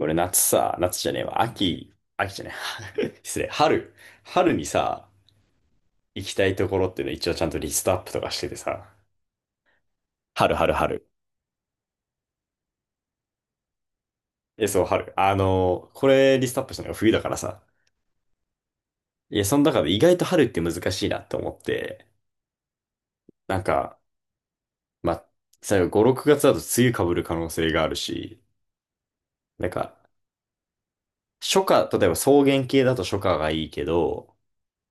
俺夏さ、夏じゃねえわ、秋、秋じゃねえ、失礼、春、春にさ、行きたいところっていうの一応ちゃんとリストアップとかしててさ、春、春、春。え、そう、春。これリストアップしたのが冬だからさ、いや、その中で意外と春って難しいなって思って、なんか、まあ、最後5、6月だと梅雨被る可能性があるし、なんか、初夏、例えば草原系だと初夏がいいけど、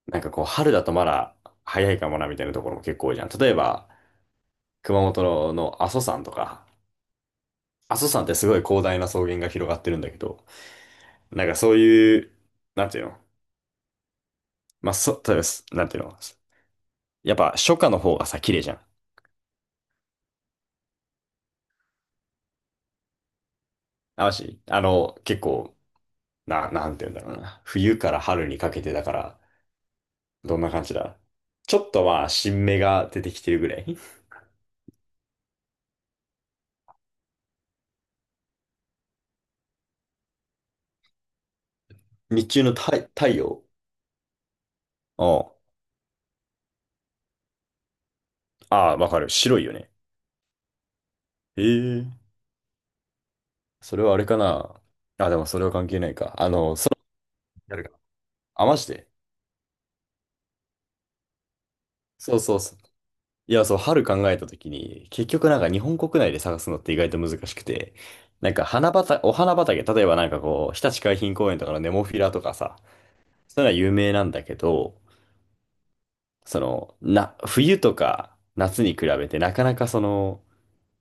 なんかこう、春だとまだ早いかもなみたいなところも結構多いじゃん。例えば、熊本の阿蘇山とか、阿蘇山ってすごい広大な草原が広がってるんだけど、なんかそういう、なんていうの、まあ、例えばす、なんていうの、やっぱ初夏の方がさ、綺麗じゃん。あ、結構、なんていうんだろうな。冬から春にかけてだから、どんな感じだ、ちょっとまあ、新芽が出てきてるぐらい。日中の太陽。ああ、あわかる。白いよね。ええ。それはあれかな。あ、でもそれは関係ないか。空に、なるか。あ、マジで。そうそうそう。いや、そう、春考えたときに、結局なんか日本国内で探すのって意外と難しくて、なんか花畑、お花畑、例えばなんかこう、日立海浜公園とかのネモフィラとかさ、そういうのは有名なんだけど、その、な、冬とか夏に比べてなかなかその、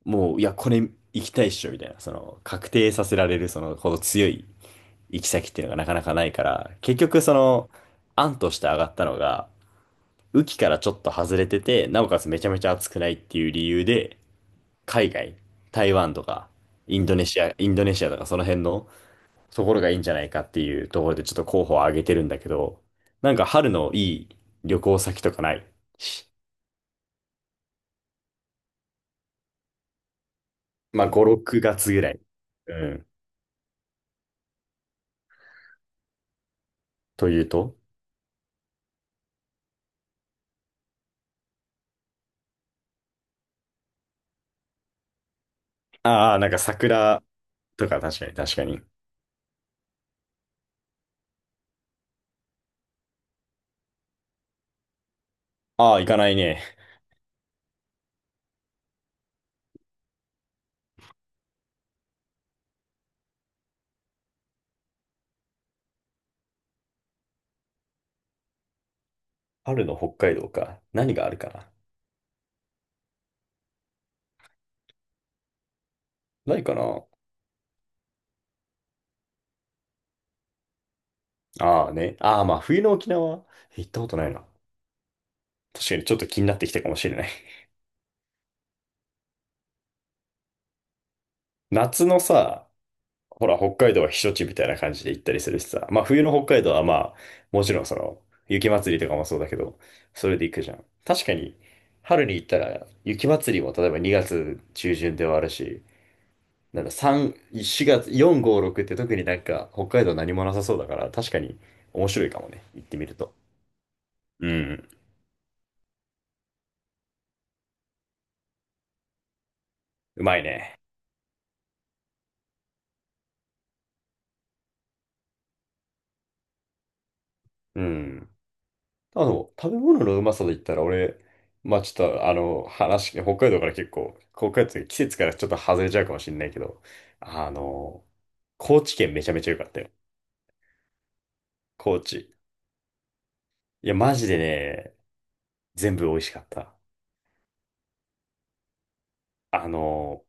もう、いや、これ行きたいっしょ、みたいな、その、確定させられる、その、ほど強い行き先っていうのがなかなかないから、結局その、案として上がったのが、雨季からちょっと外れてて、なおかつめちゃめちゃ暑くないっていう理由で、海外、台湾とか、インドネシアとかその辺のところがいいんじゃないかっていうところでちょっと候補を挙げてるんだけど、なんか春のいい旅行先とかないし、まあ5、6月ぐらい。うん。というと、ああー、なんか桜とか、確かに確かに。ああ、行かないね。春の北海道か。何があるかな。ないかな。ああね。ああ、まあ冬の沖縄行ったことないな。確かにちょっと気になってきたかもしれない。夏のさ、ほら、北海道は避暑地みたいな感じで行ったりするしさ。まあ、冬の北海道はまあ、もちろんその、雪祭りとかもそうだけど、それで行くじゃん。確かに、春に行ったら、雪祭りも例えば2月中旬ではあるし、なんだ、3、4月、4、5、6って特になんか、北海道何もなさそうだから、確かに面白いかもね。行ってみると。うん。うまいね。うん。食べ物のうまさで言ったら、俺、まあちょっと、話、北海道から結構、北海道って季節からちょっと外れちゃうかもしれないけど、あの、高知県めちゃめちゃ良かったよ。高知。いや、マジでね、全部美味しかった。あの、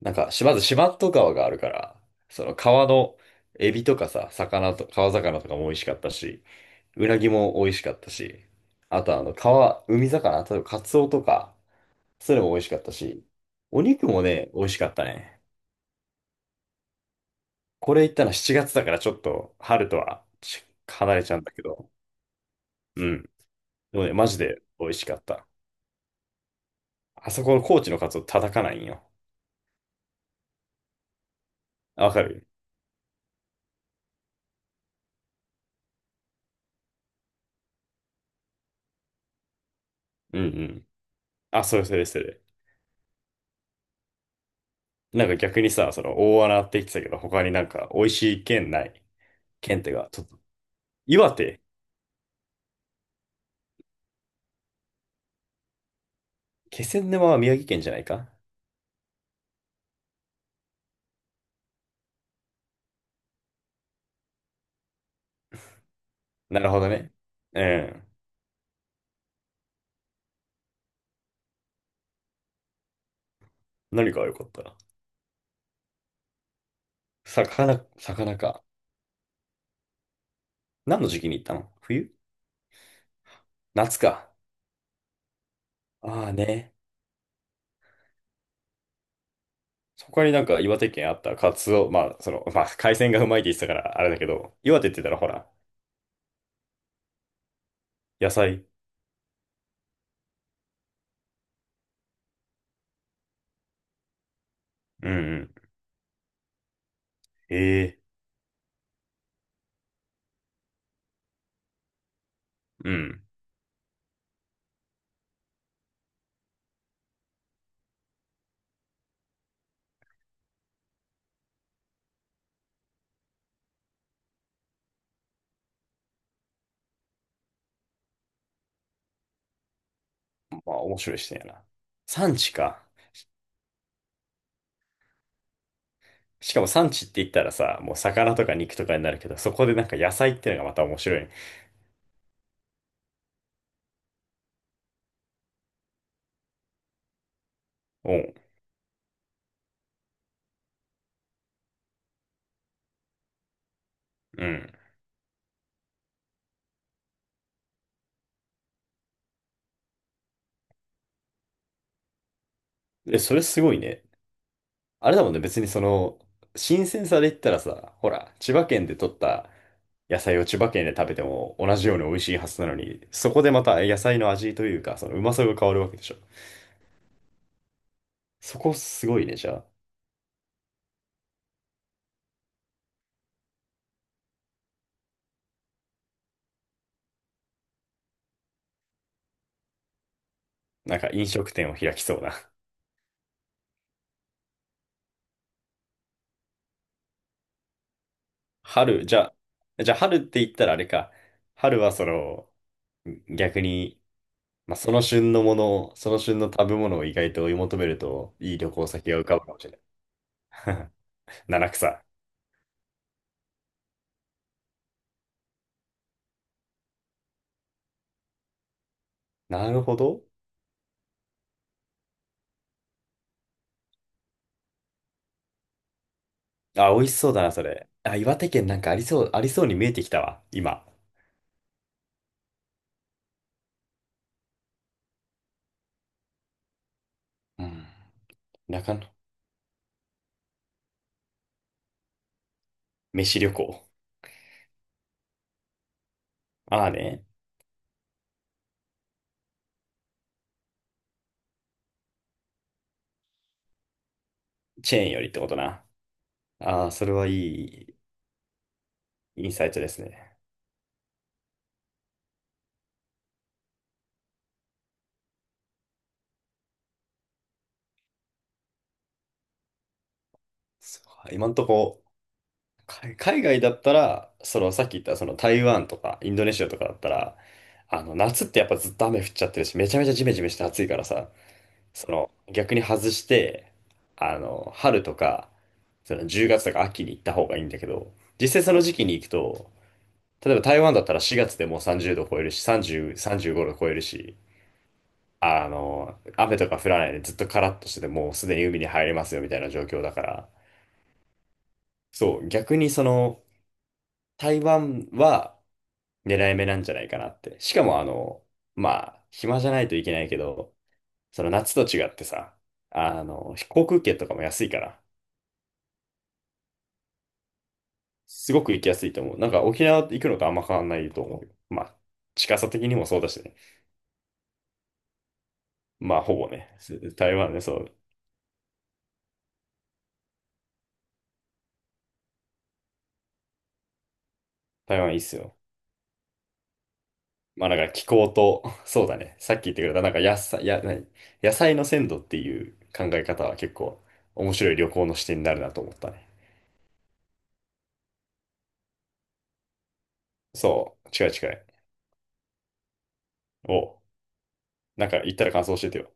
なんか、しまず四万十川があるから、その川のエビとかさ、魚と、川魚とかも美味しかったし、うなぎも美味しかったし、あと川、海魚、あとカツオとか、それも美味しかったし、お肉もね、美味しかったね。これ行ったの7月だからちょっと春とはち離れちゃうんだけど、うん。でもね、マジで美味しかった。あそこの高知のカツオ叩かないんよ。あわかる、うんうん。あ、それそれそれ。なんか逆にさ、その大穴って言ってたけど、他になんか美味しい県ない？県ってか、ちょっと、岩手、気仙沼は宮城県じゃないか？なるほどね。うん。何が良かった？魚、魚か。何の時期に行ったの？冬？夏か。ああね。そこになんか岩手県あったカツオ、まあ、その、まあ、海鮮がうまいって言ってたからあれだけど、岩手って言ったらほら、野菜。うんうん。ええ、うん。まあ、面白い視点やな。産地か。しかも産地って言ったらさ、もう魚とか肉とかになるけど、そこでなんか野菜ってのがまた面白い。うん。うん。え、それすごいね。あれだもんね、別にその、新鮮さで言ったらさ、ほら、千葉県で取った野菜を千葉県で食べても同じように美味しいはずなのに、そこでまた野菜の味というか、そのうまさが変わるわけでしょ。そこすごいね、じゃあ。なんか飲食店を開きそうな。春、じゃあ春って言ったらあれか。春はその、逆に、まあ、その旬のものを、その旬の食べ物を意外と追い求めると、いい旅行先が浮かぶかもしれない。七草。なるほど。あ、美味しそうだな、それ。あ、岩手県なんかありそう、ありそうに見えてきたわ、今。うん。中野、飯旅行。ああね、チェーンよりってことな。ああ、それはいいインサイトですね。そう今んとこ、海外だったら、そのさっき言ったその台湾とかインドネシアとかだったら、夏ってやっぱずっと雨降っちゃってるし、めちゃめちゃジメジメして暑いからさ、その逆に外して、春とか、その10月とか秋に行った方がいいんだけど、実際その時期に行くと、例えば台湾だったら4月でもう30度超えるし、30、35度超えるし、雨とか降らないでずっとカラッとしててもうすでに海に入れますよみたいな状況だから、そう、逆にその、台湾は狙い目なんじゃないかなって。しかもまあ、暇じゃないといけないけど、その夏と違ってさ、航空券とかも安いから、すごく行きやすいと思う。なんか沖縄行くのとあんま変わんないと思うよ。まあ、近さ的にもそうだしね。まあ、ほぼね、台湾ね、そう、台湾いいっすよ。まあなんか気候と、そうだね。さっき言ってくれた、なんか野菜、何、野菜の鮮度っていう考え方は結構面白い旅行の視点になるなと思ったね。そう、近い近い。おう、なんか言ったら感想教えてよ。